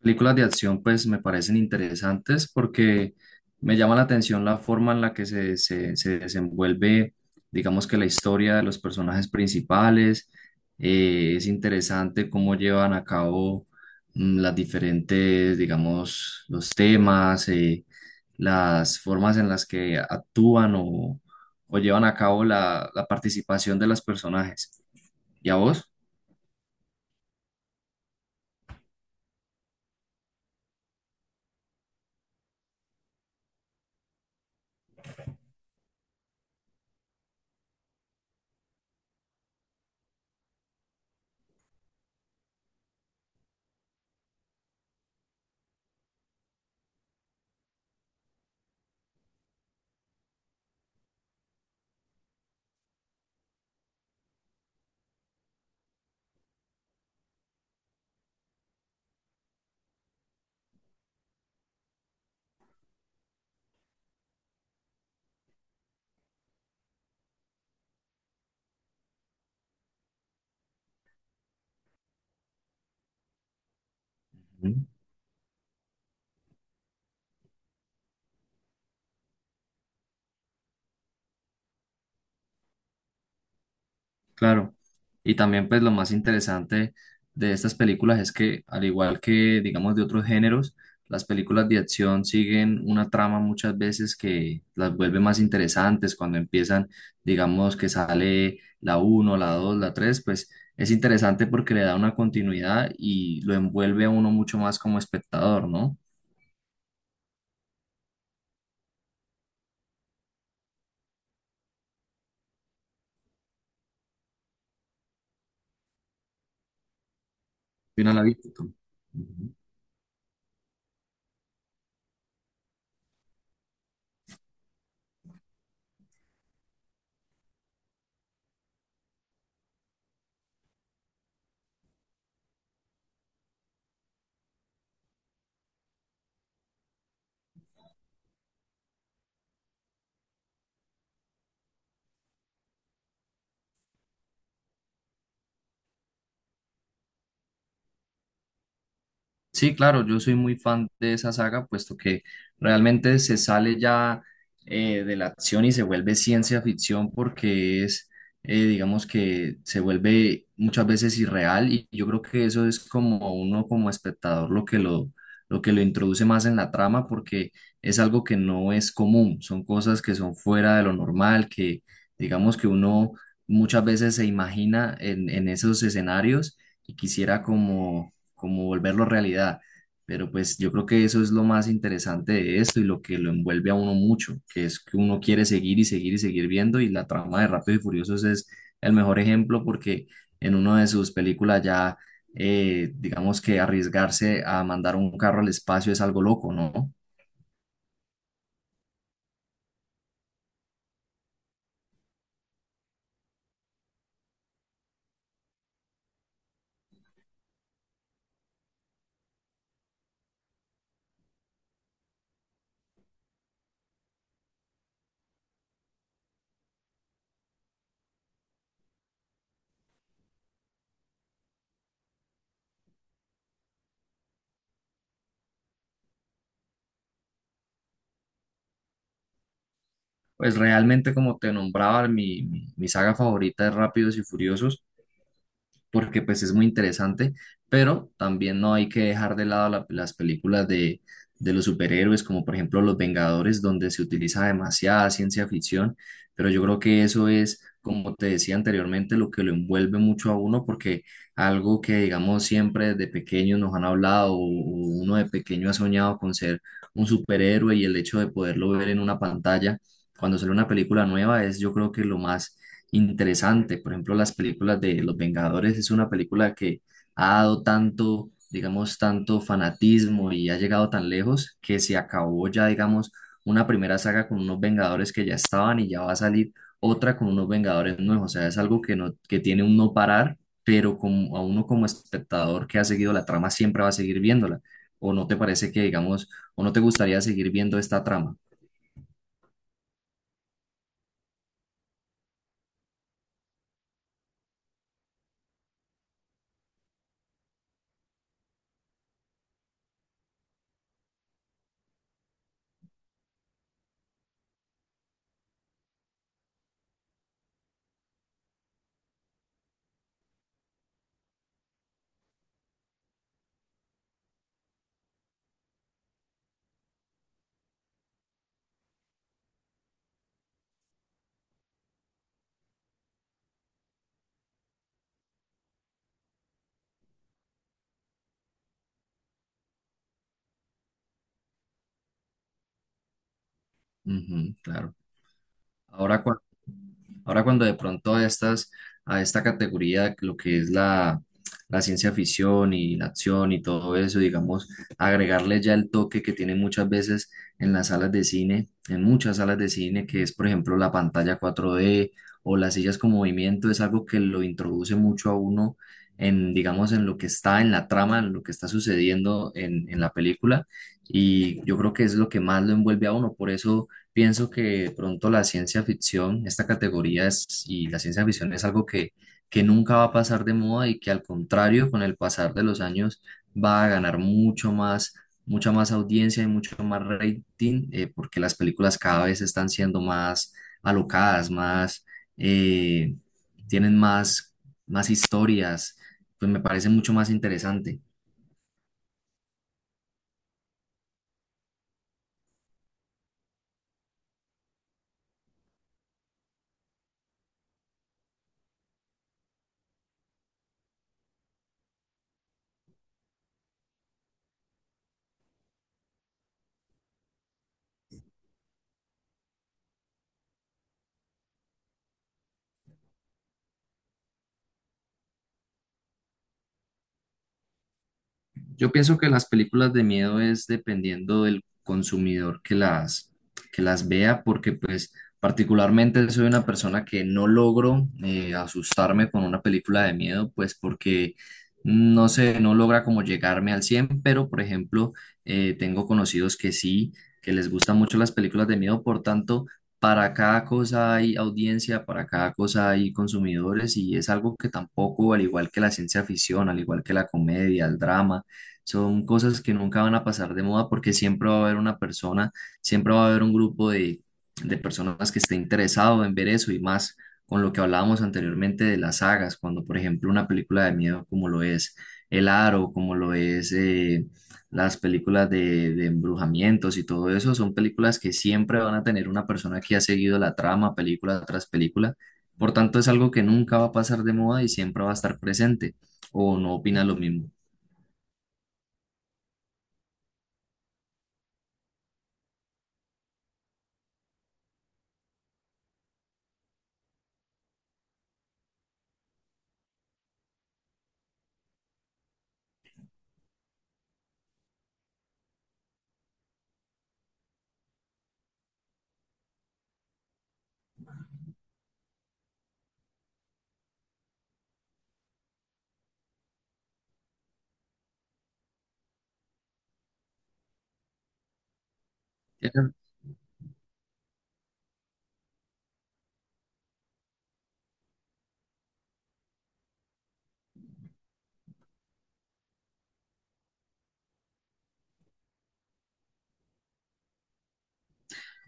Películas de acción pues me parecen interesantes porque me llama la atención la forma en la que se desenvuelve, digamos que la historia de los personajes principales. Es interesante cómo llevan a cabo las diferentes, digamos, los temas, las formas en las que actúan o llevan a cabo la participación de los personajes. ¿Y a vos? Claro, y también pues lo más interesante de estas películas es que, al igual que digamos de otros géneros, las películas de acción siguen una trama muchas veces que las vuelve más interesantes cuando empiezan. Digamos que sale la uno, la 2, la 3, pues es interesante porque le da una continuidad y lo envuelve a uno mucho más como espectador, ¿no? ¿Qué opinas, David? Ujú. Sí, claro, yo soy muy fan de esa saga, puesto que realmente se sale ya de la acción y se vuelve ciencia ficción porque es, digamos que se vuelve muchas veces irreal, y yo creo que eso es como uno como espectador lo que lo introduce más en la trama, porque es algo que no es común, son cosas que son fuera de lo normal, que digamos que uno muchas veces se imagina en, esos escenarios y quisiera como volverlo realidad. Pero pues yo creo que eso es lo más interesante de esto y lo que lo envuelve a uno mucho, que es que uno quiere seguir y seguir y seguir viendo, y la trama de Rápido y Furiosos es el mejor ejemplo porque en una de sus películas ya, digamos, que arriesgarse a mandar un carro al espacio es algo loco, ¿no? Pues realmente, como te nombraba, mi saga favorita es Rápidos y Furiosos, porque pues es muy interesante, pero también no hay que dejar de lado las películas de, los superhéroes, como por ejemplo Los Vengadores, donde se utiliza demasiada ciencia ficción. Pero yo creo que eso es, como te decía anteriormente, lo que lo envuelve mucho a uno, porque algo que digamos siempre desde pequeño nos han hablado, o uno de pequeño ha soñado con ser un superhéroe, y el hecho de poderlo ver en una pantalla cuando sale una película nueva es, yo creo, que lo más interesante. Por ejemplo, las películas de Los Vengadores es una película que ha dado tanto, digamos, tanto fanatismo y ha llegado tan lejos, que se acabó ya, digamos, una primera saga con unos Vengadores que ya estaban, y ya va a salir otra con unos Vengadores nuevos. O sea, es algo que no, que tiene un no parar, pero como a uno como espectador que ha seguido la trama, siempre va a seguir viéndola. ¿O no te parece que, digamos, o no te gustaría seguir viendo esta trama? Ujú, claro. Ahora, cuando, Ahora cuando de pronto a a esta categoría, lo que es la, ciencia ficción y la acción y todo eso, digamos, agregarle ya el toque que tiene muchas veces en las salas de cine, en muchas salas de cine, que es, por ejemplo, la pantalla 4D o las sillas con movimiento, es algo que lo introduce mucho a uno en, digamos, en lo que está en la trama, en lo que está sucediendo en, la película. Y yo creo que es lo que más lo envuelve a uno. Por eso pienso que, de pronto, la ciencia ficción, esta categoría es, y la ciencia ficción es algo que nunca va a pasar de moda y que, al contrario, con el pasar de los años, va a ganar mucho más, mucha más audiencia y mucho más rating, porque las películas cada vez están siendo más alocadas, más, eh, tienen más, historias, pues me parece mucho más interesante. Yo pienso que las películas de miedo es dependiendo del consumidor que las vea, porque pues particularmente soy una persona que no logro asustarme con una película de miedo, pues porque no sé, no logra como llegarme al cien. Pero, por ejemplo, tengo conocidos que sí, que les gustan mucho las películas de miedo. Por tanto, para cada cosa hay audiencia, para cada cosa hay consumidores, y es algo que tampoco, al igual que la ciencia ficción, al igual que la comedia, el drama, son cosas que nunca van a pasar de moda, porque siempre va a haber una persona, siempre va a haber un grupo de, personas que esté interesado en ver eso. Y más con lo que hablábamos anteriormente de las sagas, cuando, por ejemplo, una película de miedo como lo es El Aro, como lo es, las películas de, embrujamientos y todo eso, son películas que siempre van a tener una persona que ha seguido la trama película tras película. Por tanto, es algo que nunca va a pasar de moda y siempre va a estar presente, o no opinas lo mismo.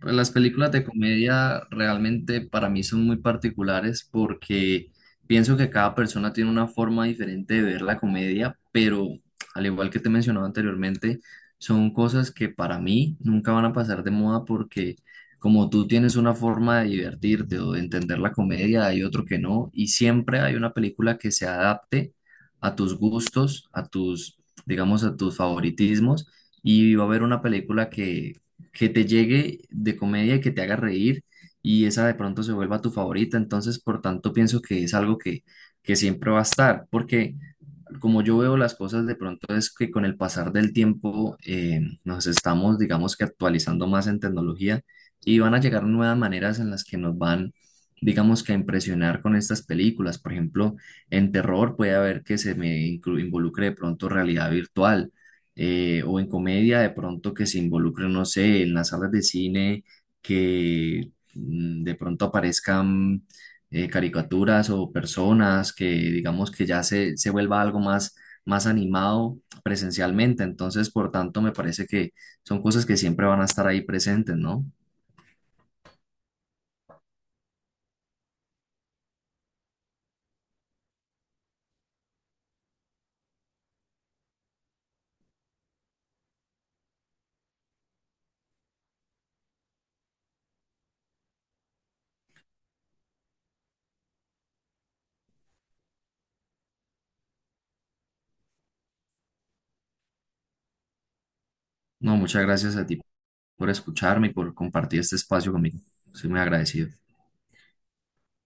Pues las películas de comedia realmente para mí son muy particulares, porque pienso que cada persona tiene una forma diferente de ver la comedia, pero, al igual que te mencionaba anteriormente, son cosas que para mí nunca van a pasar de moda, porque como tú tienes una forma de divertirte o de entender la comedia, hay otro que no, y siempre hay una película que se adapte a tus gustos, a tus, digamos, a tus favoritismos, y va a haber una película que te llegue de comedia, que te haga reír, y esa de pronto se vuelva tu favorita. Entonces, por tanto, pienso que es algo que siempre va a estar, porque como yo veo las cosas de pronto, es que con el pasar del tiempo nos estamos, digamos, que actualizando más en tecnología, y van a llegar nuevas maneras en las que nos van, digamos, que a impresionar con estas películas. Por ejemplo, en terror puede haber que se me involucre de pronto realidad virtual, o en comedia de pronto que se involucre, no sé, en las salas de cine que de pronto aparezcan caricaturas o personas, que digamos que ya se vuelva algo más, animado presencialmente. Entonces, por tanto, me parece que son cosas que siempre van a estar ahí presentes, ¿no? No, muchas gracias a ti por escucharme y por compartir este espacio conmigo. Soy muy agradecido.